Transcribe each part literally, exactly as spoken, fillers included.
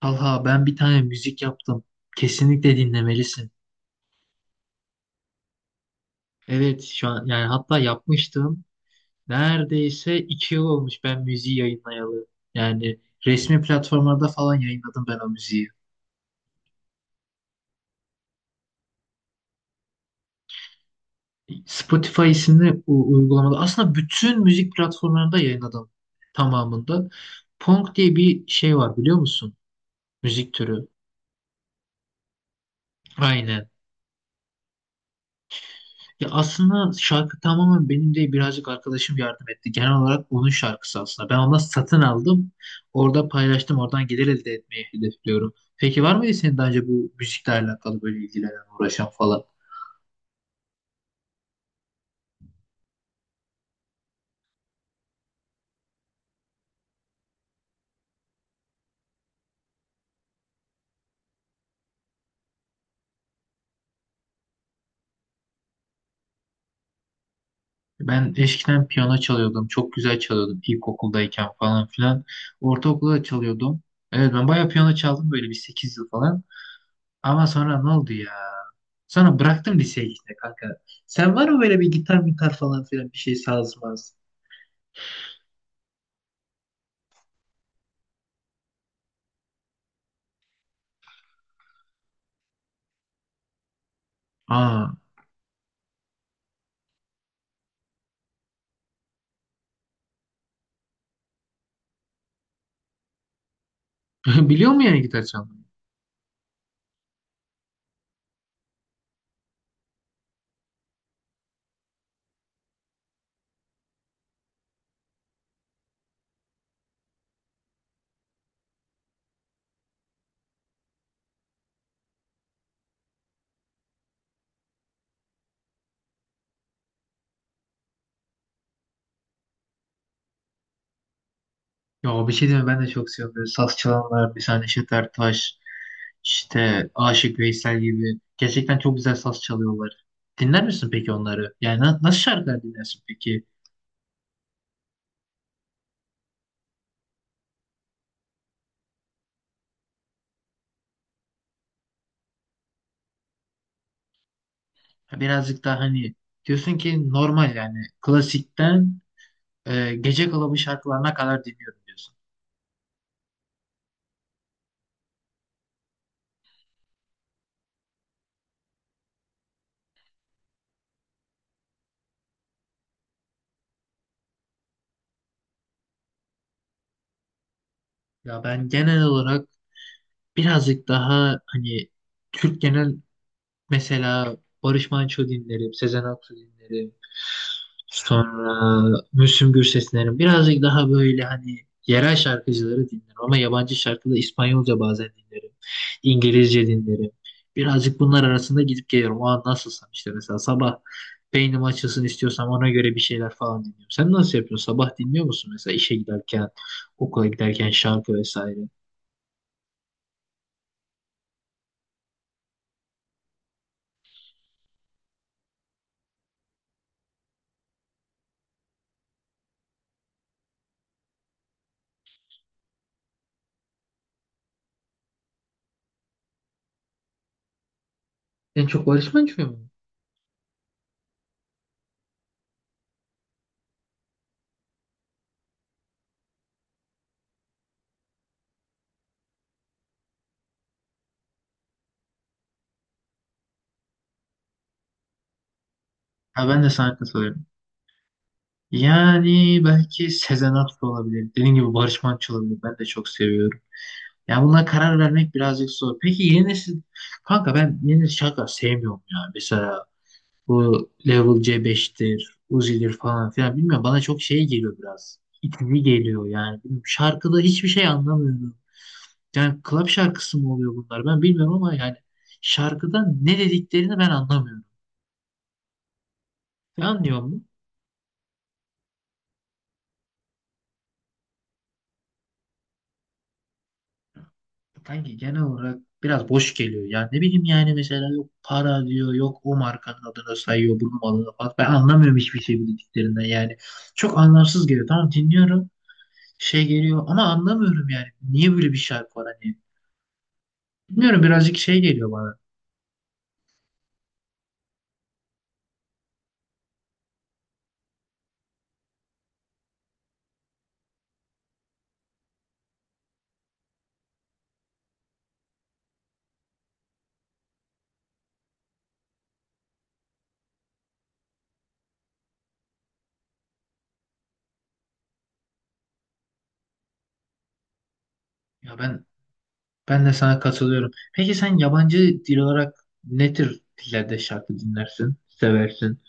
Talha ben bir tane müzik yaptım. Kesinlikle dinlemelisin. Evet şu an yani hatta yapmıştım. Neredeyse iki yıl olmuş ben müziği yayınlayalı. Yani resmi platformlarda falan yayınladım ben o müziği. Spotify isimli u- uygulamada aslında bütün müzik platformlarında yayınladım tamamında. Punk diye bir şey var biliyor musun? Müzik türü. Aynen. Ya aslında şarkı tamamen benim değil, birazcık arkadaşım yardım etti. Genel olarak onun şarkısı aslında. Ben ondan satın aldım. Orada paylaştım. Oradan gelir elde etmeyi hedefliyorum. Peki var mıydı senin daha önce bu müzikle alakalı böyle ilgilenen, uğraşan falan? Ben eskiden piyano çalıyordum. Çok güzel çalıyordum ilkokuldayken falan filan. Ortaokulda da çalıyordum. Evet, ben bayağı piyano çaldım, böyle bir sekiz yıl falan. Ama sonra ne oldu ya? Sonra bıraktım liseye işte kanka. Sen var mı böyle bir gitar gitar falan filan bir şey sazmaz? Aa. Biliyor mu yani gitar çalmayı? Ya bir şey diyeyim mi? Ben de çok seviyorum. Böyle saz çalanlar, bir tane Neşet Taş işte Aşık Veysel gibi. Gerçekten çok güzel saz çalıyorlar. Dinler misin peki onları? Yani na- nasıl şarkılar dinlersin peki? Ha, birazcık daha hani diyorsun ki normal yani klasikten e, gece kulübü şarkılarına kadar dinliyorum diyorsun. Ya ben genel olarak birazcık daha hani Türk genel. Mesela Barış Manço dinlerim, Sezen Aksu dinlerim. Sonra Müslüm Gürses dinlerim. Birazcık daha böyle hani yerel şarkıcıları dinlerim, ama yabancı şarkı da İspanyolca bazen dinlerim. İngilizce dinlerim. Birazcık bunlar arasında gidip geliyorum. O an nasılsam işte, mesela sabah beynim açılsın istiyorsam ona göre bir şeyler falan dinliyorum. Sen nasıl yapıyorsun? Sabah dinliyor musun mesela işe giderken, okula giderken şarkı vesaire? En çok Barış Manço'yu mu? Ha, ben de sana katılıyorum. Yani belki Sezen Aksu olabilir. Dediğim gibi Barış Manço olabilir. Ben de çok seviyorum. Yani buna karar vermek birazcık zor. Peki yeni nesil, kanka ben yeni nesil şarkı sevmiyorum ya. Mesela bu Level C beştir, Uzi'dir falan filan. Bilmiyorum, bana çok şey geliyor biraz. İtici geliyor yani. Bilmiyorum, şarkıda hiçbir şey anlamıyorum. Yani club şarkısı mı oluyor bunlar? Ben bilmiyorum ama yani şarkıda ne dediklerini ben anlamıyorum. Sen anlıyor musun? Kanki genel olarak biraz boş geliyor. Yani ne bileyim, yani mesela yok para diyor, yok o markanın adını sayıyor, bunun malını falan. Ben anlamıyorum hiçbir şey bu dediklerinden yani. Çok anlamsız geliyor. Tamam, dinliyorum, şey geliyor ama anlamıyorum yani. Niye böyle bir şarkı var hani? Bilmiyorum, birazcık şey geliyor bana. Ya ben ben de sana katılıyorum. Peki sen yabancı dil olarak ne tür dillerde şarkı dinlersin, seversin?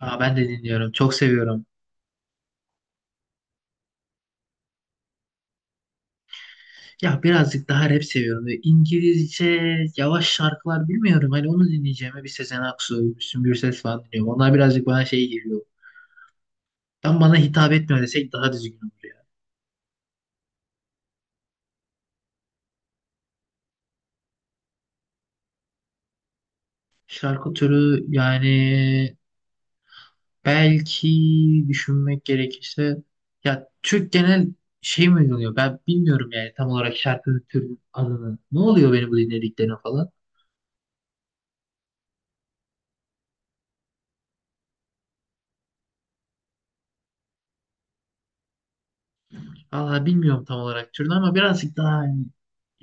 Aa, ben de dinliyorum, çok seviyorum. Ya birazcık daha rap seviyorum. Böyle İngilizce yavaş şarkılar bilmiyorum. Hani onu dinleyeceğime bir Sezen Aksu, Müslüm Gürses falan dinliyorum. Onlar birazcık bana şey geliyor. Tam bana hitap etmiyor desek daha düzgün olur ya. Şarkı türü yani, belki düşünmek gerekirse, ya Türk genel şey mi oluyor? Ben bilmiyorum yani tam olarak şarkı türünün adını. Ne oluyor benim bu dinlediklerine falan. Valla bilmiyorum tam olarak türünü, ama birazcık daha hani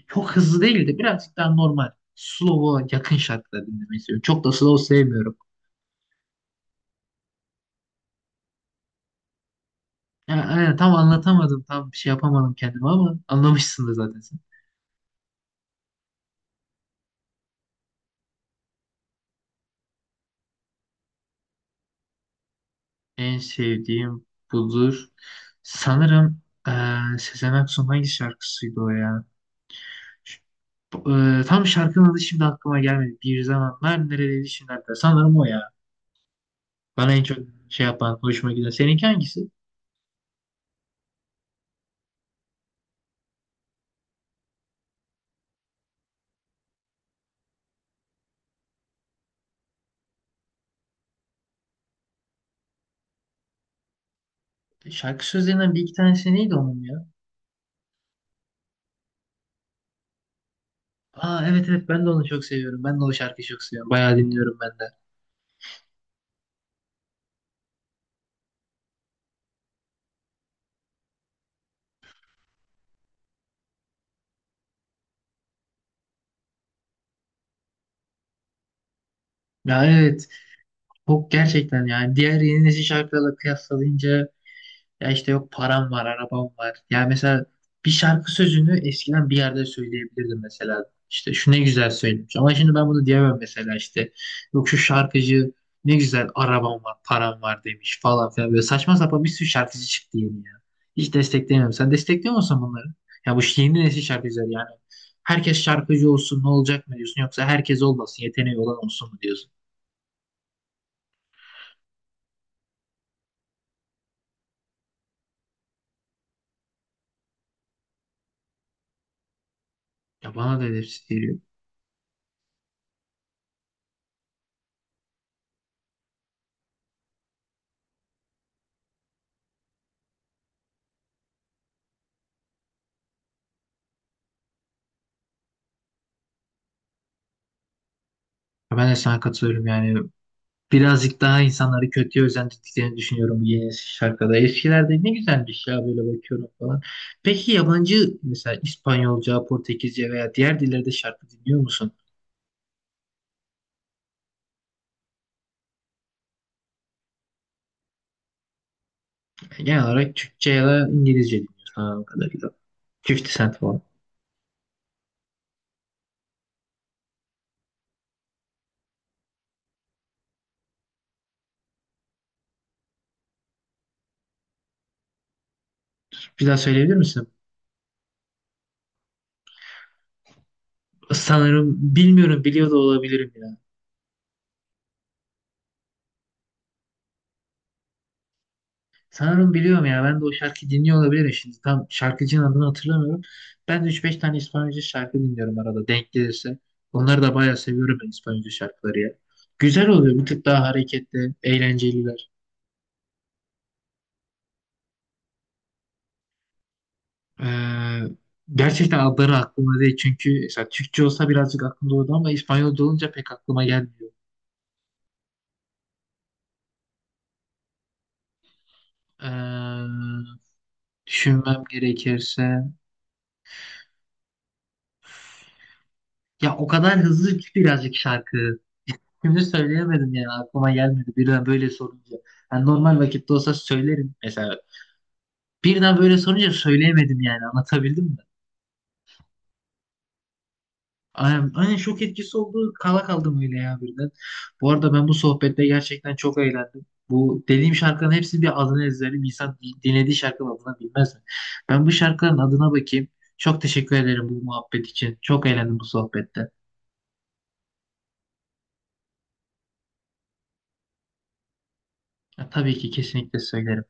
çok hızlı değil de birazcık daha normal. Slow'a yakın şarkılar dinlemeyi seviyorum. Çok da slow sevmiyorum. Yani, aynen, tam anlatamadım. Tam bir şey yapamadım kendime ama anlamışsındır zaten sen. En sevdiğim budur. Sanırım eee Sezen Aksu'nun hangi şarkısıydı o ya? Ş- eee, tam şarkının adı şimdi aklıma gelmedi. Bir zamanlar neredeydi şimdi hatta. Sanırım o ya. Bana en çok şey yapan, hoşuma giden. Seninki hangisi? Şarkı sözlerinden bir iki tanesi neydi onun ya? Aa, evet evet, ben de onu çok seviyorum. Ben de o şarkıyı çok seviyorum. Bayağı dinliyorum ben de. Ya evet. Çok gerçekten yani diğer yeni nesil şarkılarla kıyaslayınca, ya işte yok param var, arabam var. Ya mesela bir şarkı sözünü eskiden bir yerde söyleyebilirdim mesela. İşte şu ne güzel söylemiş. Ama şimdi ben bunu diyemem mesela işte. Yok şu şarkıcı ne güzel arabam var, param var demiş falan filan. Böyle saçma sapan bir sürü şarkıcı çıktı yeni ya. Hiç desteklemiyorum. Sen destekliyor musun bunları? Ya bu yeni nesil şarkıcılar yani. Herkes şarkıcı olsun ne olacak mı diyorsun? Yoksa herkes olmasın, yeteneği olan olsun mu diyorsun? Ya bana da hepsi geliyor. Ya ben de sana katılıyorum yani. Birazcık daha insanları kötüye özendirdiklerini düşünüyorum bu yeni şarkıda. Eskilerde ne güzelmiş ya, böyle bakıyorum falan. Peki yabancı, mesela İspanyolca, Portekizce veya diğer dillerde şarkı dinliyor musun? Yani genel olarak Türkçe ya da İngilizce dinliyorsun anladığım kadarıyla. elli Cent falan. Bir daha söyleyebilir misin? Sanırım bilmiyorum, biliyor da olabilirim. Sanırım biliyorum ya. Ben de o şarkı dinliyor olabilirim şimdi. Tam şarkıcının adını hatırlamıyorum. Ben de üç beş tane İspanyolca şarkı dinliyorum arada denk gelirse. Onları da bayağı seviyorum ben İspanyolca şarkıları ya. Güzel oluyor. Bir tık daha hareketli, eğlenceliler. Ee, gerçekten adları aklıma değil. Çünkü mesela Türkçe olsa birazcık aklımda olurdu ama İspanyolca olunca pek aklıma gelmiyor. Ee, düşünmem gerekirse, ya o kadar hızlı ki birazcık şarkı. Şimdi söyleyemedim yani, aklıma gelmedi birden böyle sorunca. Yani normal vakitte olsa söylerim mesela. Birden böyle sorunca söyleyemedim yani, anlatabildim mi? Aynen, aynen şok etkisi oldu. Kala kaldım öyle ya birden. Bu arada ben bu sohbette gerçekten çok eğlendim. Bu dediğim şarkının hepsi bir adını ezberim. İnsan di- dinlediği şarkının adını bilmez mi? Ben bu şarkının adına bakayım. Çok teşekkür ederim bu muhabbet için. Çok eğlendim bu sohbette. Ya, tabii ki kesinlikle söylerim.